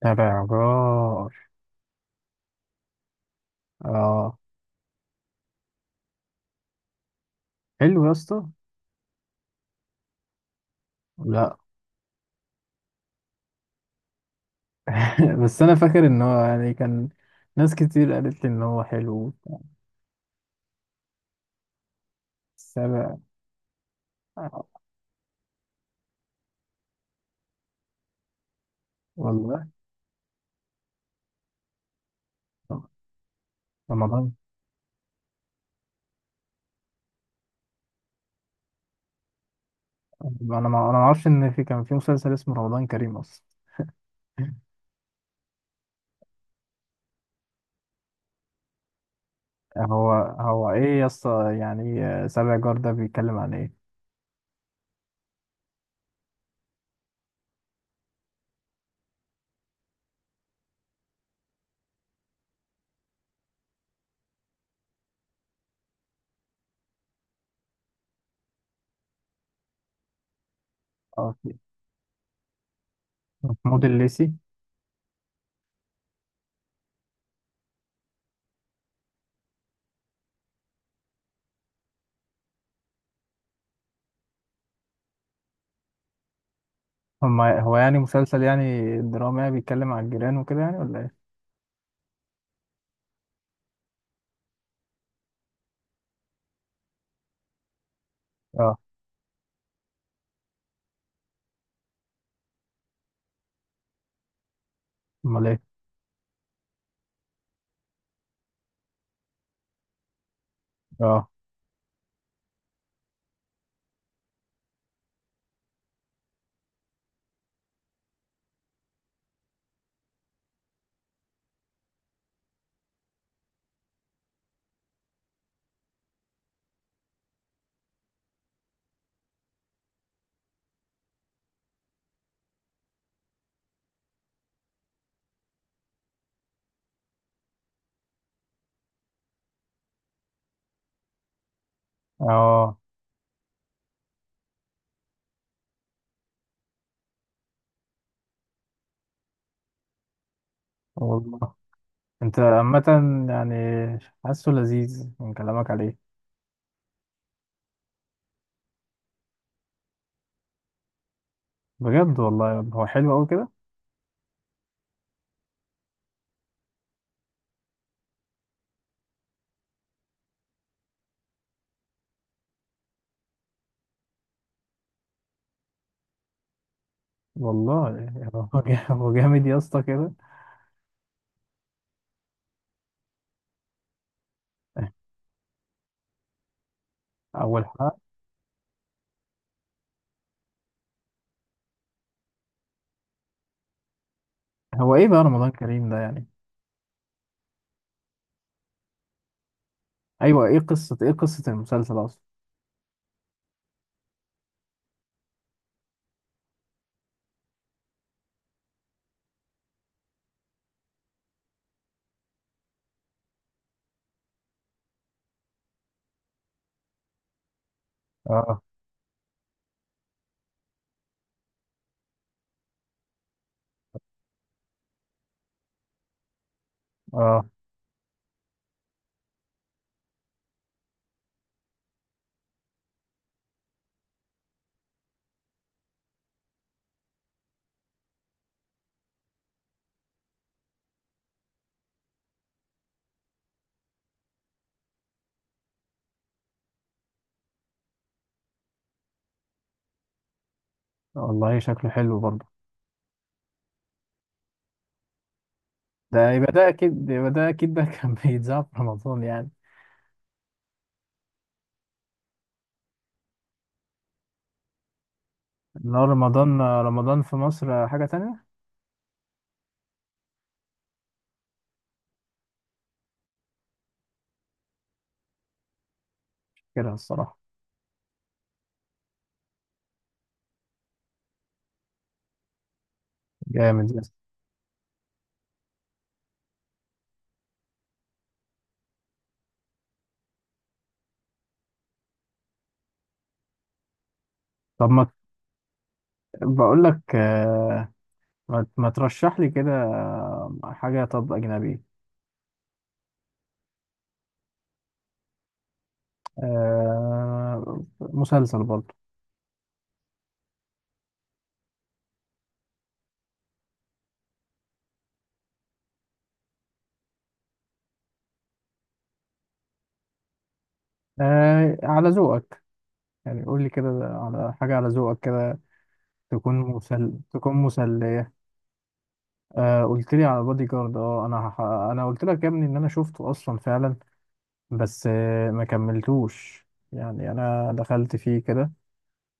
تبع جار. اه، حلو يا اسطى. لا. بس انا فاكر ان هو يعني كان ناس كتير قالت لي ان هو حلو. سبع. والله. رمضان. انا ما اعرفش ان في كان في مسلسل اسمه رمضان كريم اصلا. هو ايه يا اسطى؟ يعني سابع جار ده بيتكلم عن ايه؟ اه. محمود الليثي. هو يعني مسلسل، يعني درامي يعني بيتكلم عن الجيران وكده، يعني ولا ايه؟ اه. امال ايه. اه. اه. والله. انت عامة، يعني حاسه لذيذ من كلامك عليه. بجد والله، هو حلو قوي كده. والله يعني هو هو جامد يا اسطى كده. اول حلقة. هو ايه بقى رمضان كريم ده يعني؟ ايوه، ايه قصة المسلسل اصلا؟ اه. اه. والله شكله حلو برضه. ده يبقى ده اكيد يبقى ده اكيد ده كان بيتذاع في رمضان يعني. لا، رمضان رمضان في مصر حاجة تانية. كده الصراحة. جامد يا اسطى. طب، ما بقول لك ما ترشح لي كده حاجة. طب أجنبي. آه، مسلسل برضه. آه، على ذوقك، يعني قول لي كده على حاجة على ذوقك كده، تكون مسلية. آه، قلت لي على بادي جارد. اه، انا قلت لك يا ابني ان انا شفته اصلا فعلا. بس ما كملتوش، يعني انا دخلت فيه كده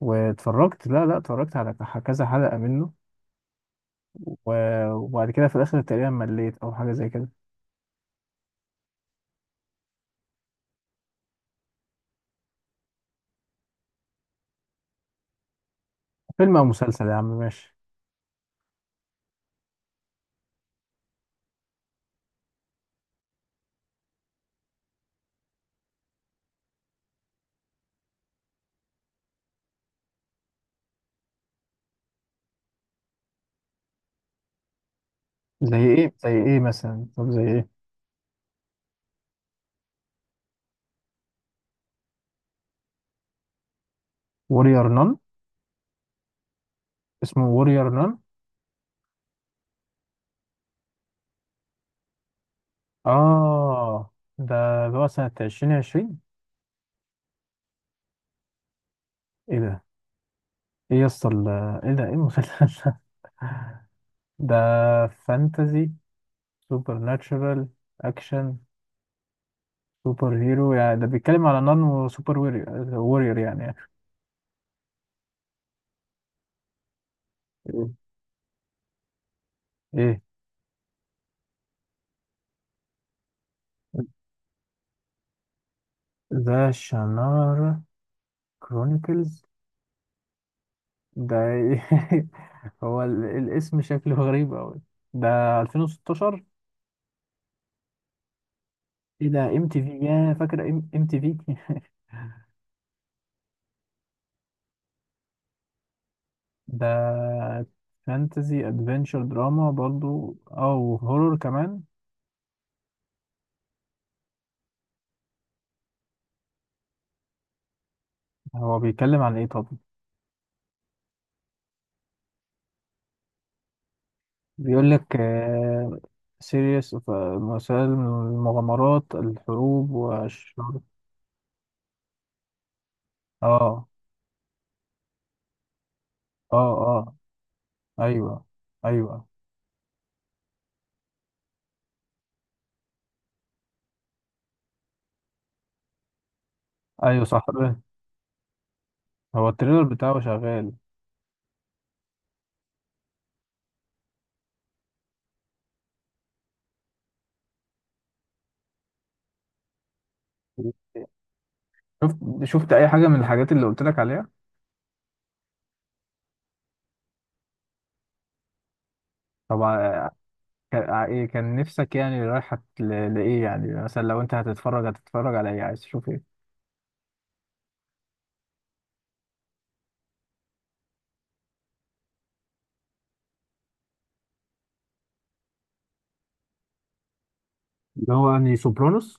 واتفرجت، لا، لا، اتفرجت على كذا حلقة منه و... وبعد كده في الاخر تقريبا مليت او حاجة زي كده. فيلم او مسلسل يا عم، ماشي. زي ايه زي ايه مثلا، طب زي ايه؟ وورير نون. اسمه وورير نون. اه، ده ده هو سنة 2020. ايه ده؟ ايه يسطا ايه ده؟ ايه المسلسل ده؟ ده فانتازي، سوبر ناتشورال، اكشن، سوبر هيرو، يعني ده بيتكلم على نون وسوبر وورير، وورير يعني. مم. ايه. ذا شانار كرونيكلز. ده إيه؟ هو الاسم شكله غريب أوي. ده 2016. ايه ده، ام تي في يا فاكر. ام تي في. ده فانتزي ادفنتشر دراما برضو او هورور كمان. هو بيتكلم عن ايه طب؟ بيقول لك سيريس، مسائل المغامرات الحروب والشر. اه. اه. اه. ايوه. ايوه. ايوه، صح. هو التريلر بتاعه شغال. شفت شفت اي حاجه من الحاجات اللي قلت لك عليها؟ طبعا. كان ايه، كان نفسك يعني رايحه لايه؟ يعني مثلا لو انت هتتفرج على ايه؟ عايز تشوف ايه؟ اللي هو يعني سوبرانوس.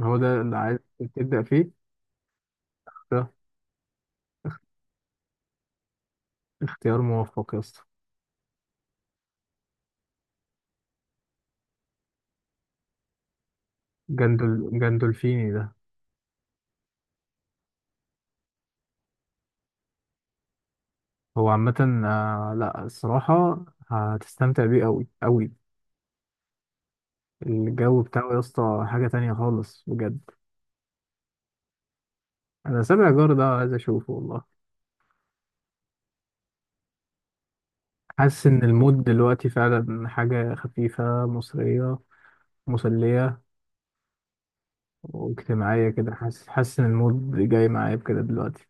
هو ده اللي عايز تبدأ فيه. ده اختيار موفق يا اسطى. جندولفيني ده. هو عامة لا، الصراحة هتستمتع بيه أوي أوي. الجو بتاعه يا اسطى حاجة تانية خالص بجد. أنا سابع جار ده عايز أشوفه والله. حاسس إن المود دلوقتي فعلا حاجة خفيفة، مصرية، مسلية، واجتماعية كده. حاسس إن المود جاي معايا بكده دلوقتي.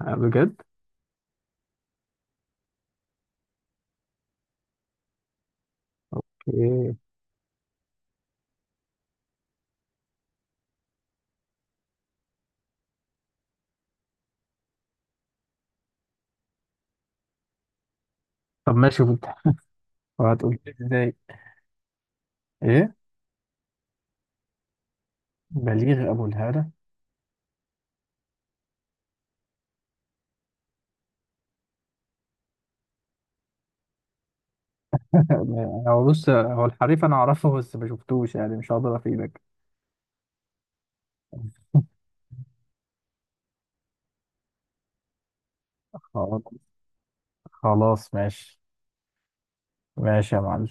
آه، بجد. أوكي. طب، ماشي. وهتقول لي إزاي؟ إيه، بليغ أبو الهالة. هو بص، هو الحريف انا اعرفه بس ما شفتوش، يعني مش هقدر افيدك. خلاص. خلاص، ماشي. ماشي يا معلم.